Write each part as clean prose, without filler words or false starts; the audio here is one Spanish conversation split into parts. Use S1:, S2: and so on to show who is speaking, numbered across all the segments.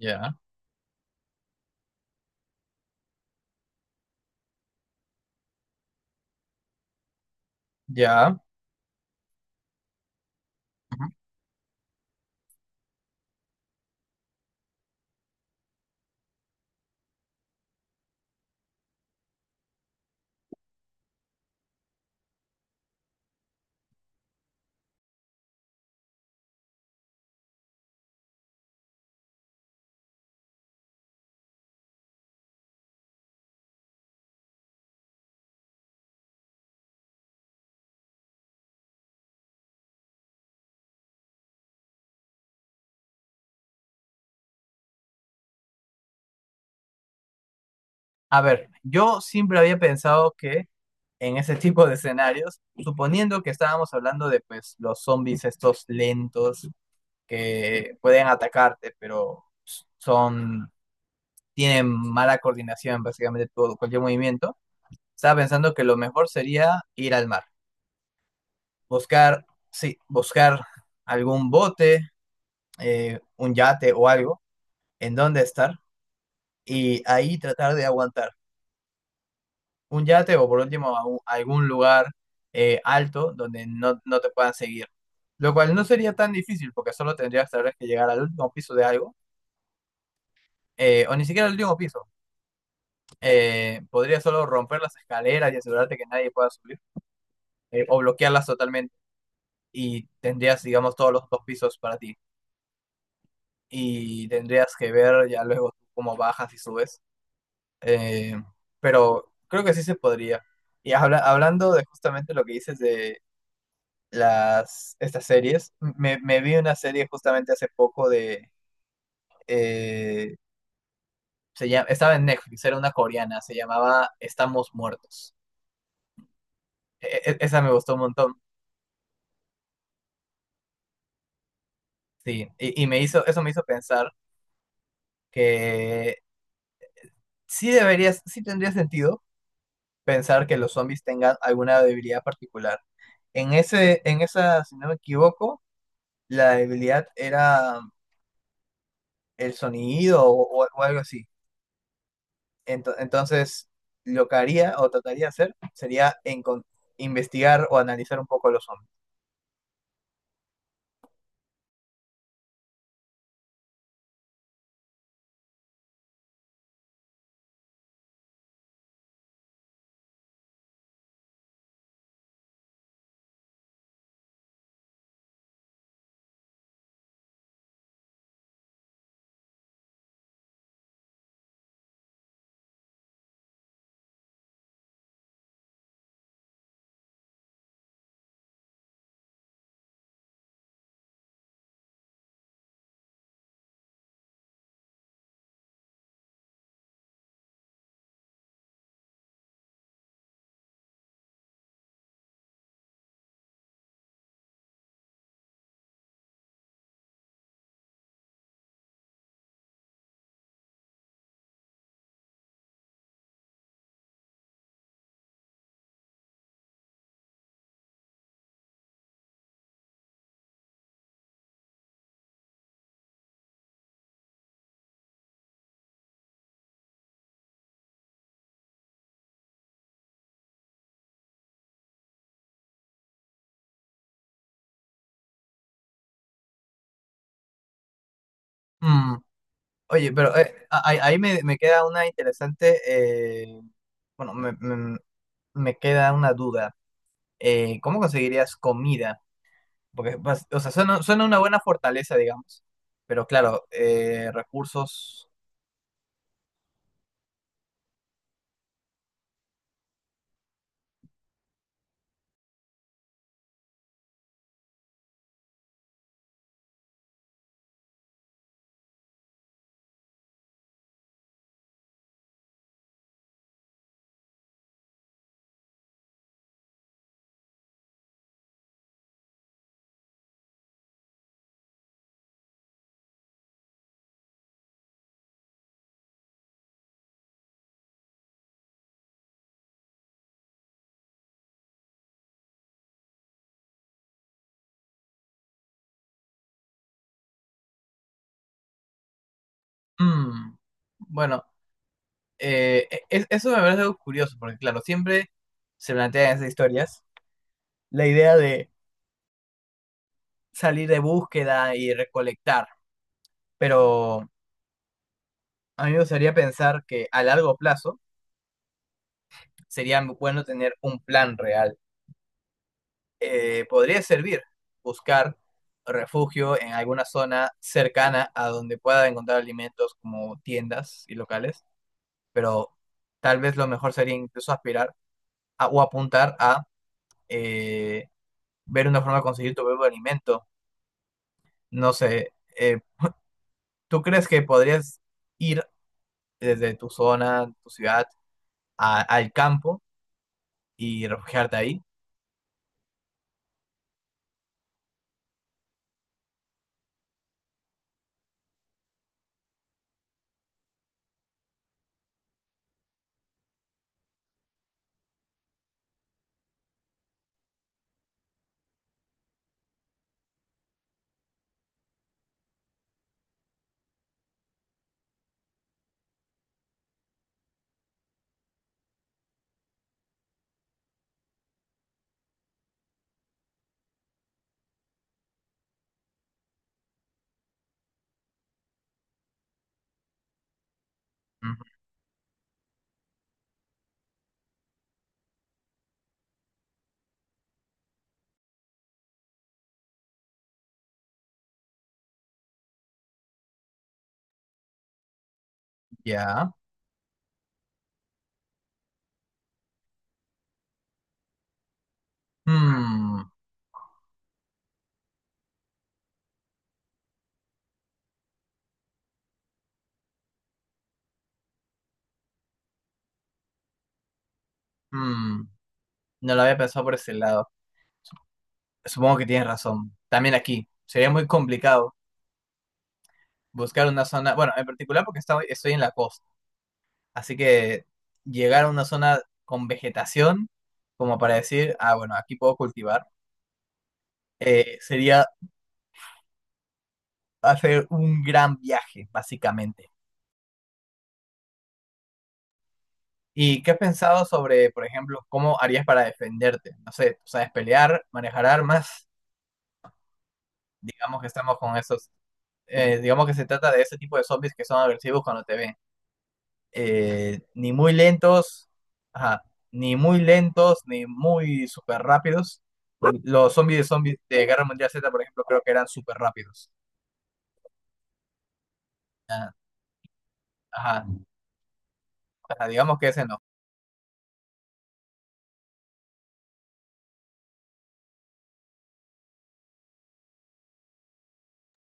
S1: Ya, ya. Ujú. A ver, yo siempre había pensado que en ese tipo de escenarios, suponiendo que estábamos hablando de pues los zombies estos lentos que pueden atacarte, pero son, tienen mala coordinación básicamente todo, cualquier movimiento, estaba pensando que lo mejor sería ir al mar, buscar, sí, buscar algún bote, un yate o algo en donde estar y ahí tratar de aguantar un yate o por último a algún lugar alto donde no, no te puedan seguir. Lo cual no sería tan difícil porque solo tendrías tal vez que llegar al último piso de algo, o ni siquiera al último piso. Podrías solo romper las escaleras y asegurarte que nadie pueda subir, o bloquearlas totalmente y tendrías, digamos, todos los dos pisos para ti. Y tendrías que ver ya luego cómo bajas y subes. Eh, pero creo que sí se podría. Y hablando de justamente lo que dices de las, estas series. Me vi una serie justamente hace poco de... eh, Se llama, estaba en Netflix, era una coreana, se llamaba Estamos Muertos. Esa me gustó un montón, sí. Y me hizo, eso me hizo pensar que sí deberías, sí tendría sentido pensar que los zombies tengan alguna debilidad particular. En esa, si no me equivoco, la debilidad era el sonido o o algo así. Entonces, lo que haría o trataría de hacer sería investigar o analizar un poco los zombies. Mm. Oye, pero ahí ahí me, me queda una interesante, bueno, me queda una duda. ¿Cómo conseguirías comida? Porque, pues, o sea, suena, suena una buena fortaleza, digamos, pero claro, recursos... mm, bueno, eso me parece algo curioso, porque claro, siempre se plantean esas historias la idea de salir de búsqueda y recolectar, pero a mí me gustaría pensar que a largo plazo sería bueno tener un plan real. Podría servir buscar refugio en alguna zona cercana a donde pueda encontrar alimentos como tiendas y locales, pero tal vez lo mejor sería incluso aspirar o apuntar a eh, ver una forma de conseguir tu propio alimento. No sé, ¿tú crees que podrías ir desde tu zona, tu ciudad? A al campo y refugiarte ahí. Ujú. Ya. Mm, mm, no lo había pensado por ese lado. Supongo que tienes razón. También aquí. Sería muy complicado buscar una zona, bueno, en particular porque estoy, estoy en la costa. Así que llegar a una zona con vegetación, como para decir, ah, bueno, aquí puedo cultivar, sería hacer un gran viaje, básicamente. ¿Y qué has pensado sobre, por ejemplo, cómo harías para defenderte? No sé, ¿sabes pelear, manejar armas? Digamos que estamos con esos, digamos que se trata de ese tipo de zombies que son agresivos cuando te ven. Ni muy lentos, ajá, ni muy lentos, ni muy súper rápidos. Los zombies de Guerra Mundial Z, por ejemplo, creo que eran súper rápidos. Ah, ajá, ajá, digamos que ese no.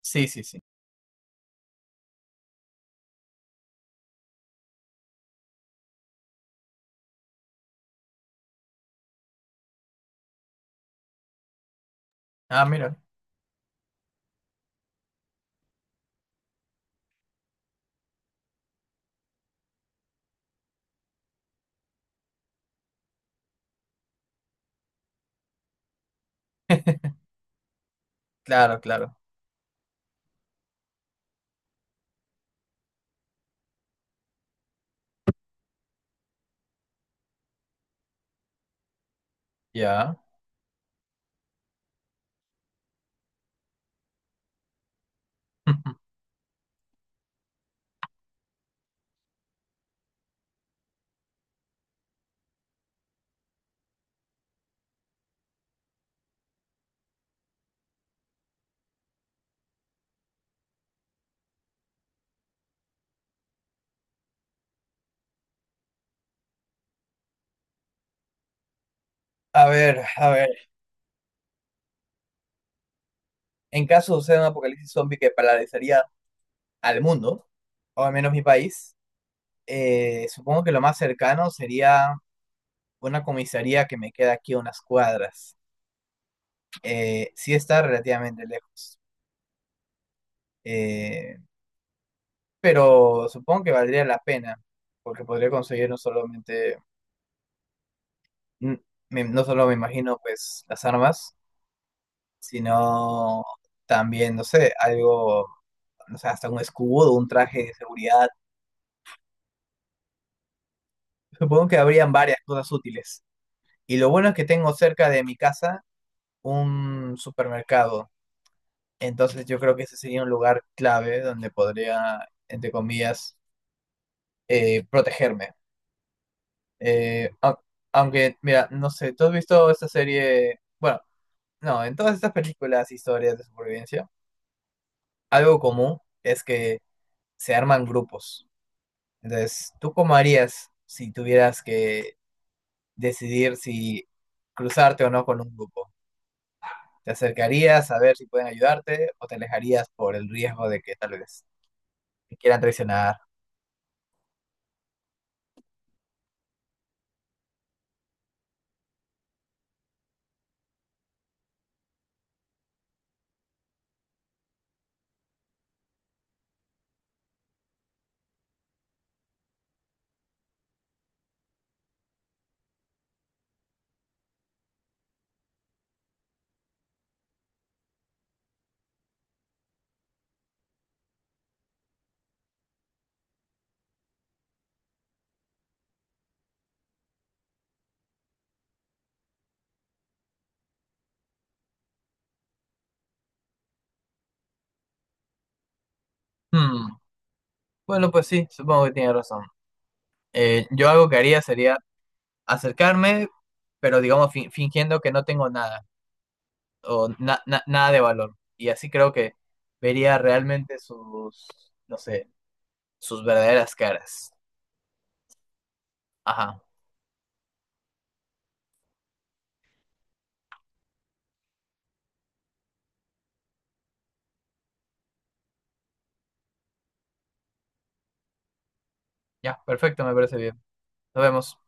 S1: Sí, sí, sí. Ah, mira, claro, claro. Ya. A ver, a ver. En caso suceda un apocalipsis zombie que paralizaría al mundo, o al menos mi país, supongo que lo más cercano sería una comisaría que me queda aquí a unas cuadras. Sí está relativamente lejos, eh, pero supongo que valdría la pena, porque podría conseguir no solamente, n- no solo me imagino pues las armas, sino también, no sé, algo, no sé, hasta un escudo, un traje de seguridad. Supongo que habrían varias cosas útiles. Y lo bueno es que tengo cerca de mi casa un supermercado. Entonces yo creo que ese sería un lugar clave donde podría, entre comillas, protegerme. Eh, au- Aunque, mira, no sé, ¿tú has visto esta serie? Bueno, no, en todas estas películas, historias de supervivencia, algo común es que se arman grupos. Entonces, ¿tú cómo harías si tuvieras que decidir si cruzarte o no con un grupo? ¿Te acercarías a ver si pueden ayudarte o te alejarías por el riesgo de que tal vez te quieran traicionar? Hmm. Bueno, pues sí, supongo que tiene razón. Yo algo que haría sería acercarme, pero digamos fingiendo que no tengo nada o nada de valor. Y así creo que vería realmente sus, no sé, sus verdaderas caras. Ajá, ya, perfecto, me parece bien. Nos vemos.